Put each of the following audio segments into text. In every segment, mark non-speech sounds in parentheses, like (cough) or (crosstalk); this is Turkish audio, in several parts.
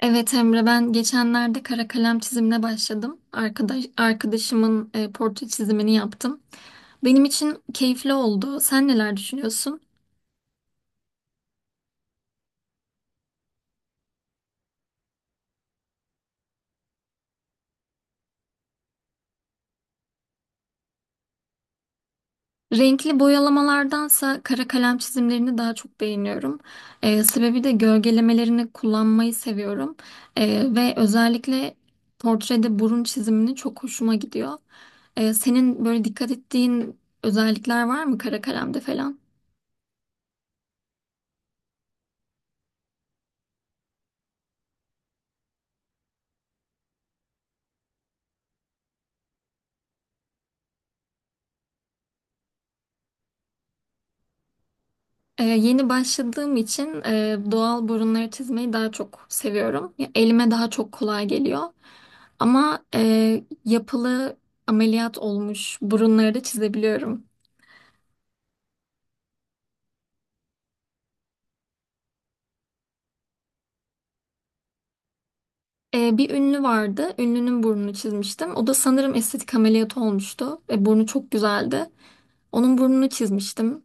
Evet Emre, ben geçenlerde kara kalem çizimine başladım. Arkadaşımın portre çizimini yaptım. Benim için keyifli oldu. Sen neler düşünüyorsun? Renkli boyalamalardansa kara kalem çizimlerini daha çok beğeniyorum. Sebebi de gölgelemelerini kullanmayı seviyorum. Ve özellikle portrede burun çizimini çok hoşuma gidiyor. Senin böyle dikkat ettiğin özellikler var mı kara kalemde falan? Yeni başladığım için doğal burunları çizmeyi daha çok seviyorum. Ya, elime daha çok kolay geliyor. Ama yapılı ameliyat olmuş burunları da çizebiliyorum. Bir ünlü vardı. Ünlünün burnunu çizmiştim. O da sanırım estetik ameliyat olmuştu. Ve burnu çok güzeldi. Onun burnunu çizmiştim.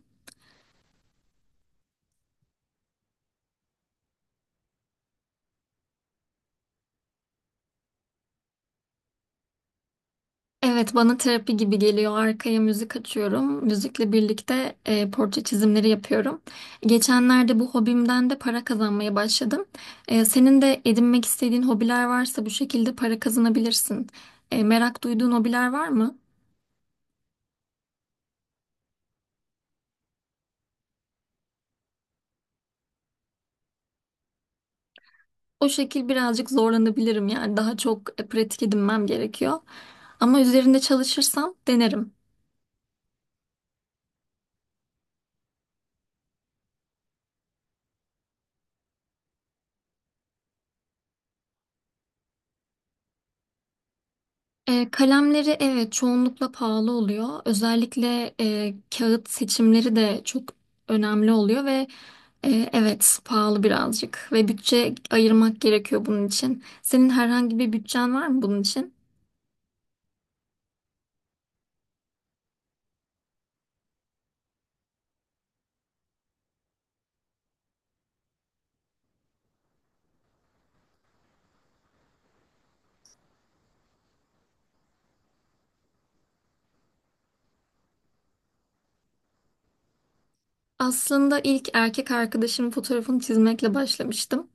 Evet, bana terapi gibi geliyor. Arkaya müzik açıyorum. Müzikle birlikte portre çizimleri yapıyorum. Geçenlerde bu hobimden de para kazanmaya başladım. Senin de edinmek istediğin hobiler varsa bu şekilde para kazanabilirsin. Merak duyduğun hobiler var mı? O şekil birazcık zorlanabilirim, yani daha çok pratik edinmem gerekiyor. Ama üzerinde çalışırsam denerim. Kalemleri evet çoğunlukla pahalı oluyor. Özellikle kağıt seçimleri de çok önemli oluyor ve evet pahalı birazcık ve bütçe ayırmak gerekiyor bunun için. Senin herhangi bir bütçen var mı bunun için? Aslında ilk erkek arkadaşımın fotoğrafını çizmekle başlamıştım.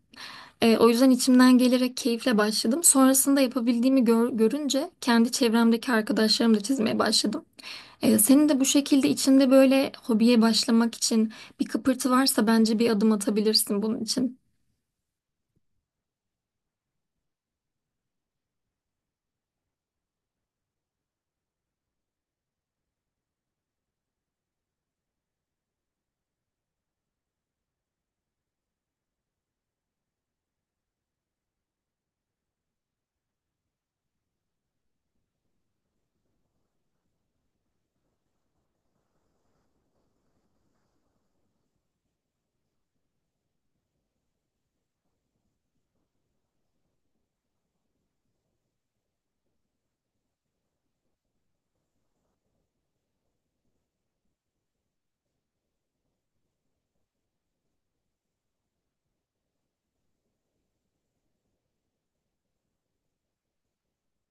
O yüzden içimden gelerek keyifle başladım. Sonrasında yapabildiğimi görünce kendi çevremdeki arkadaşlarımı da çizmeye başladım. Senin de bu şekilde içinde böyle hobiye başlamak için bir kıpırtı varsa bence bir adım atabilirsin bunun için.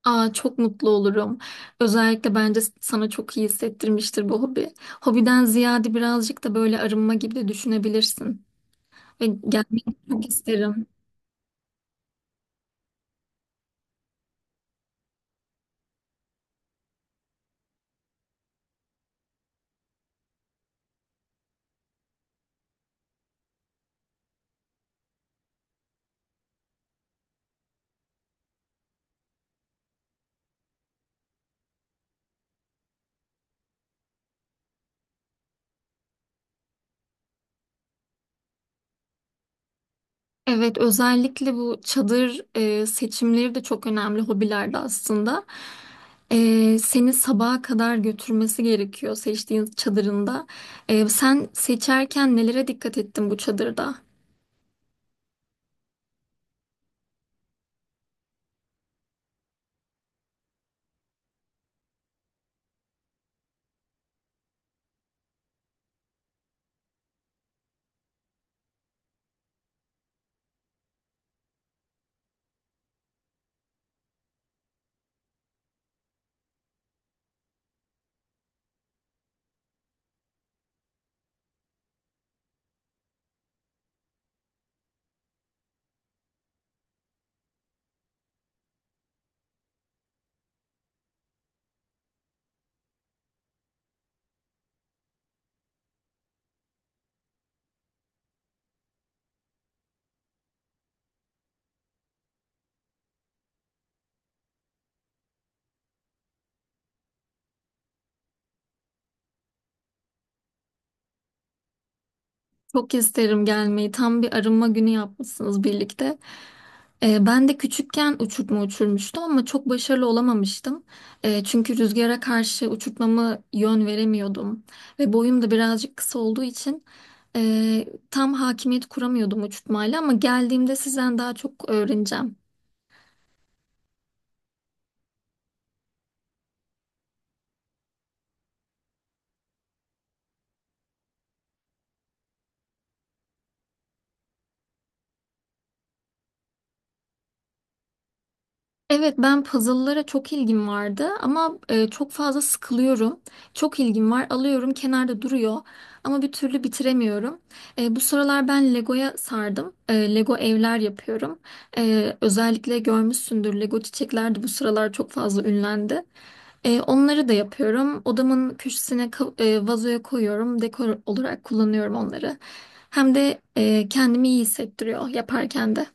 Aa, çok mutlu olurum. Özellikle bence sana çok iyi hissettirmiştir bu hobi. Hobiden ziyade birazcık da böyle arınma gibi de düşünebilirsin. Ve gelmeyi çok isterim. Evet, özellikle bu çadır seçimleri de çok önemli hobilerde aslında. Seni sabaha kadar götürmesi gerekiyor seçtiğin çadırında. Sen seçerken nelere dikkat ettin bu çadırda? Çok isterim gelmeyi. Tam bir arınma günü yapmışsınız birlikte. Ben de küçükken uçurtma uçurmuştum ama çok başarılı olamamıştım. Çünkü rüzgara karşı uçurtmamı yön veremiyordum. Ve boyum da birazcık kısa olduğu için e, tam hakimiyet kuramıyordum uçurtmayla, ama geldiğimde sizden daha çok öğreneceğim. Evet, ben puzzle'lara çok ilgim vardı ama çok fazla sıkılıyorum. Çok ilgim var, alıyorum, kenarda duruyor ama bir türlü bitiremiyorum. Bu sıralar ben Lego'ya sardım. Lego evler yapıyorum. Özellikle görmüşsündür, Lego çiçekler de bu sıralar çok fazla ünlendi. Onları da yapıyorum. Odamın köşesine vazoya koyuyorum. Dekor olarak kullanıyorum onları. Hem de kendimi iyi hissettiriyor yaparken de.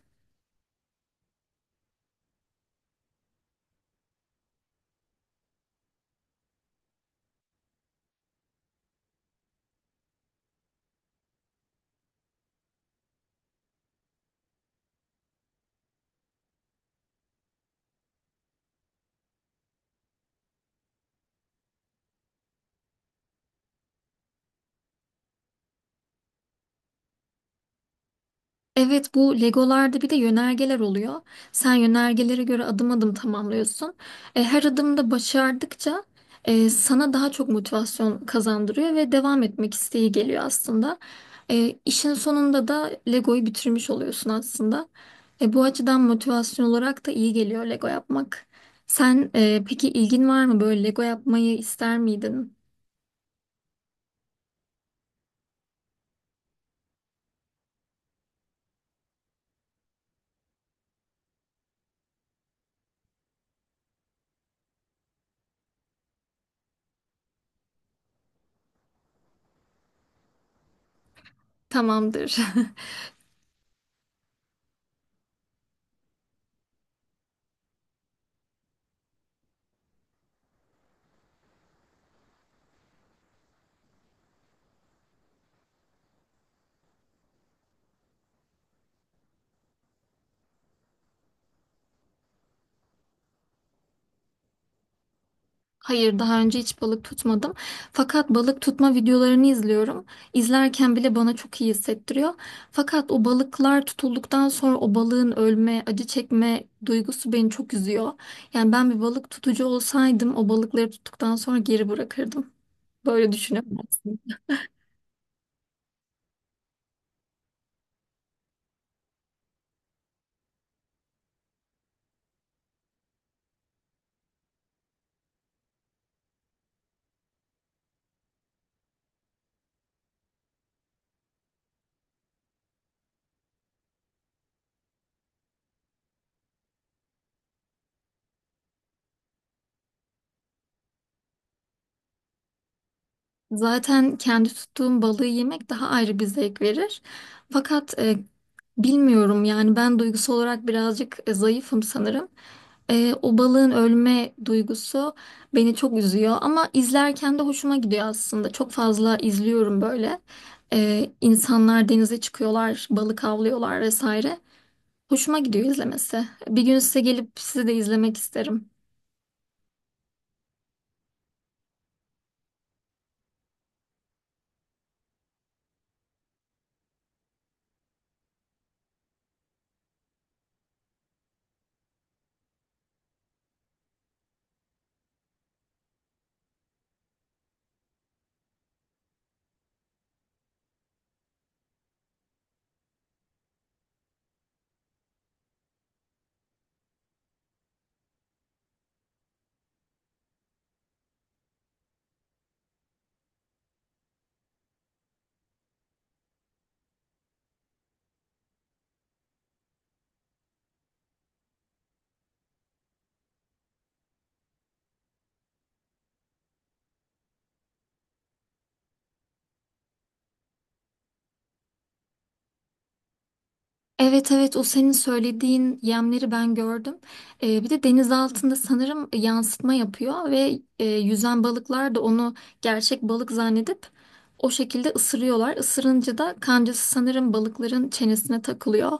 Evet, bu Legolarda bir de yönergeler oluyor. Sen yönergelere göre adım adım tamamlıyorsun. Her adımda başardıkça sana daha çok motivasyon kazandırıyor ve devam etmek isteği geliyor aslında. İşin sonunda da Lego'yu bitirmiş oluyorsun aslında. Bu açıdan motivasyon olarak da iyi geliyor Lego yapmak. Sen peki ilgin var mı, böyle Lego yapmayı ister miydin? Tamamdır. (laughs) Hayır, daha önce hiç balık tutmadım. Fakat balık tutma videolarını izliyorum. İzlerken bile bana çok iyi hissettiriyor. Fakat o balıklar tutulduktan sonra o balığın ölme, acı çekme duygusu beni çok üzüyor. Yani ben bir balık tutucu olsaydım, o balıkları tuttuktan sonra geri bırakırdım. Böyle düşünüyorum aslında. Zaten kendi tuttuğum balığı yemek daha ayrı bir zevk verir. Fakat bilmiyorum, yani ben duygusal olarak birazcık zayıfım sanırım. O balığın ölme duygusu beni çok üzüyor ama izlerken de hoşuma gidiyor aslında. Çok fazla izliyorum böyle. İnsanlar denize çıkıyorlar, balık avlıyorlar vesaire. Hoşuma gidiyor izlemesi. Bir gün size gelip sizi de izlemek isterim. Evet, evet, o senin söylediğin yemleri ben gördüm. Bir de deniz altında sanırım yansıtma yapıyor ve yüzen balıklar da onu gerçek balık zannedip o şekilde ısırıyorlar. Isırınca da kancası sanırım balıkların çenesine takılıyor.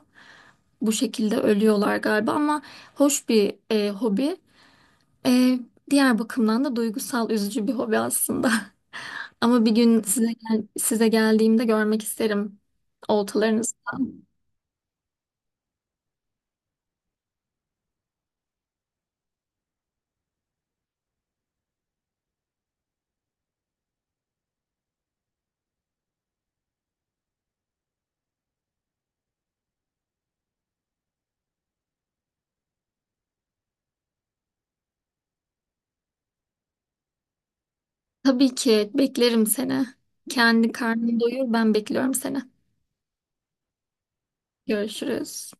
Bu şekilde ölüyorlar galiba ama hoş bir hobi. E, Diğer bakımdan da duygusal, üzücü bir hobi aslında. (laughs) Ama bir gün size geldiğimde görmek isterim oltalarınızı. Tabii ki beklerim seni. Kendi karnını doyur, ben bekliyorum seni. Görüşürüz.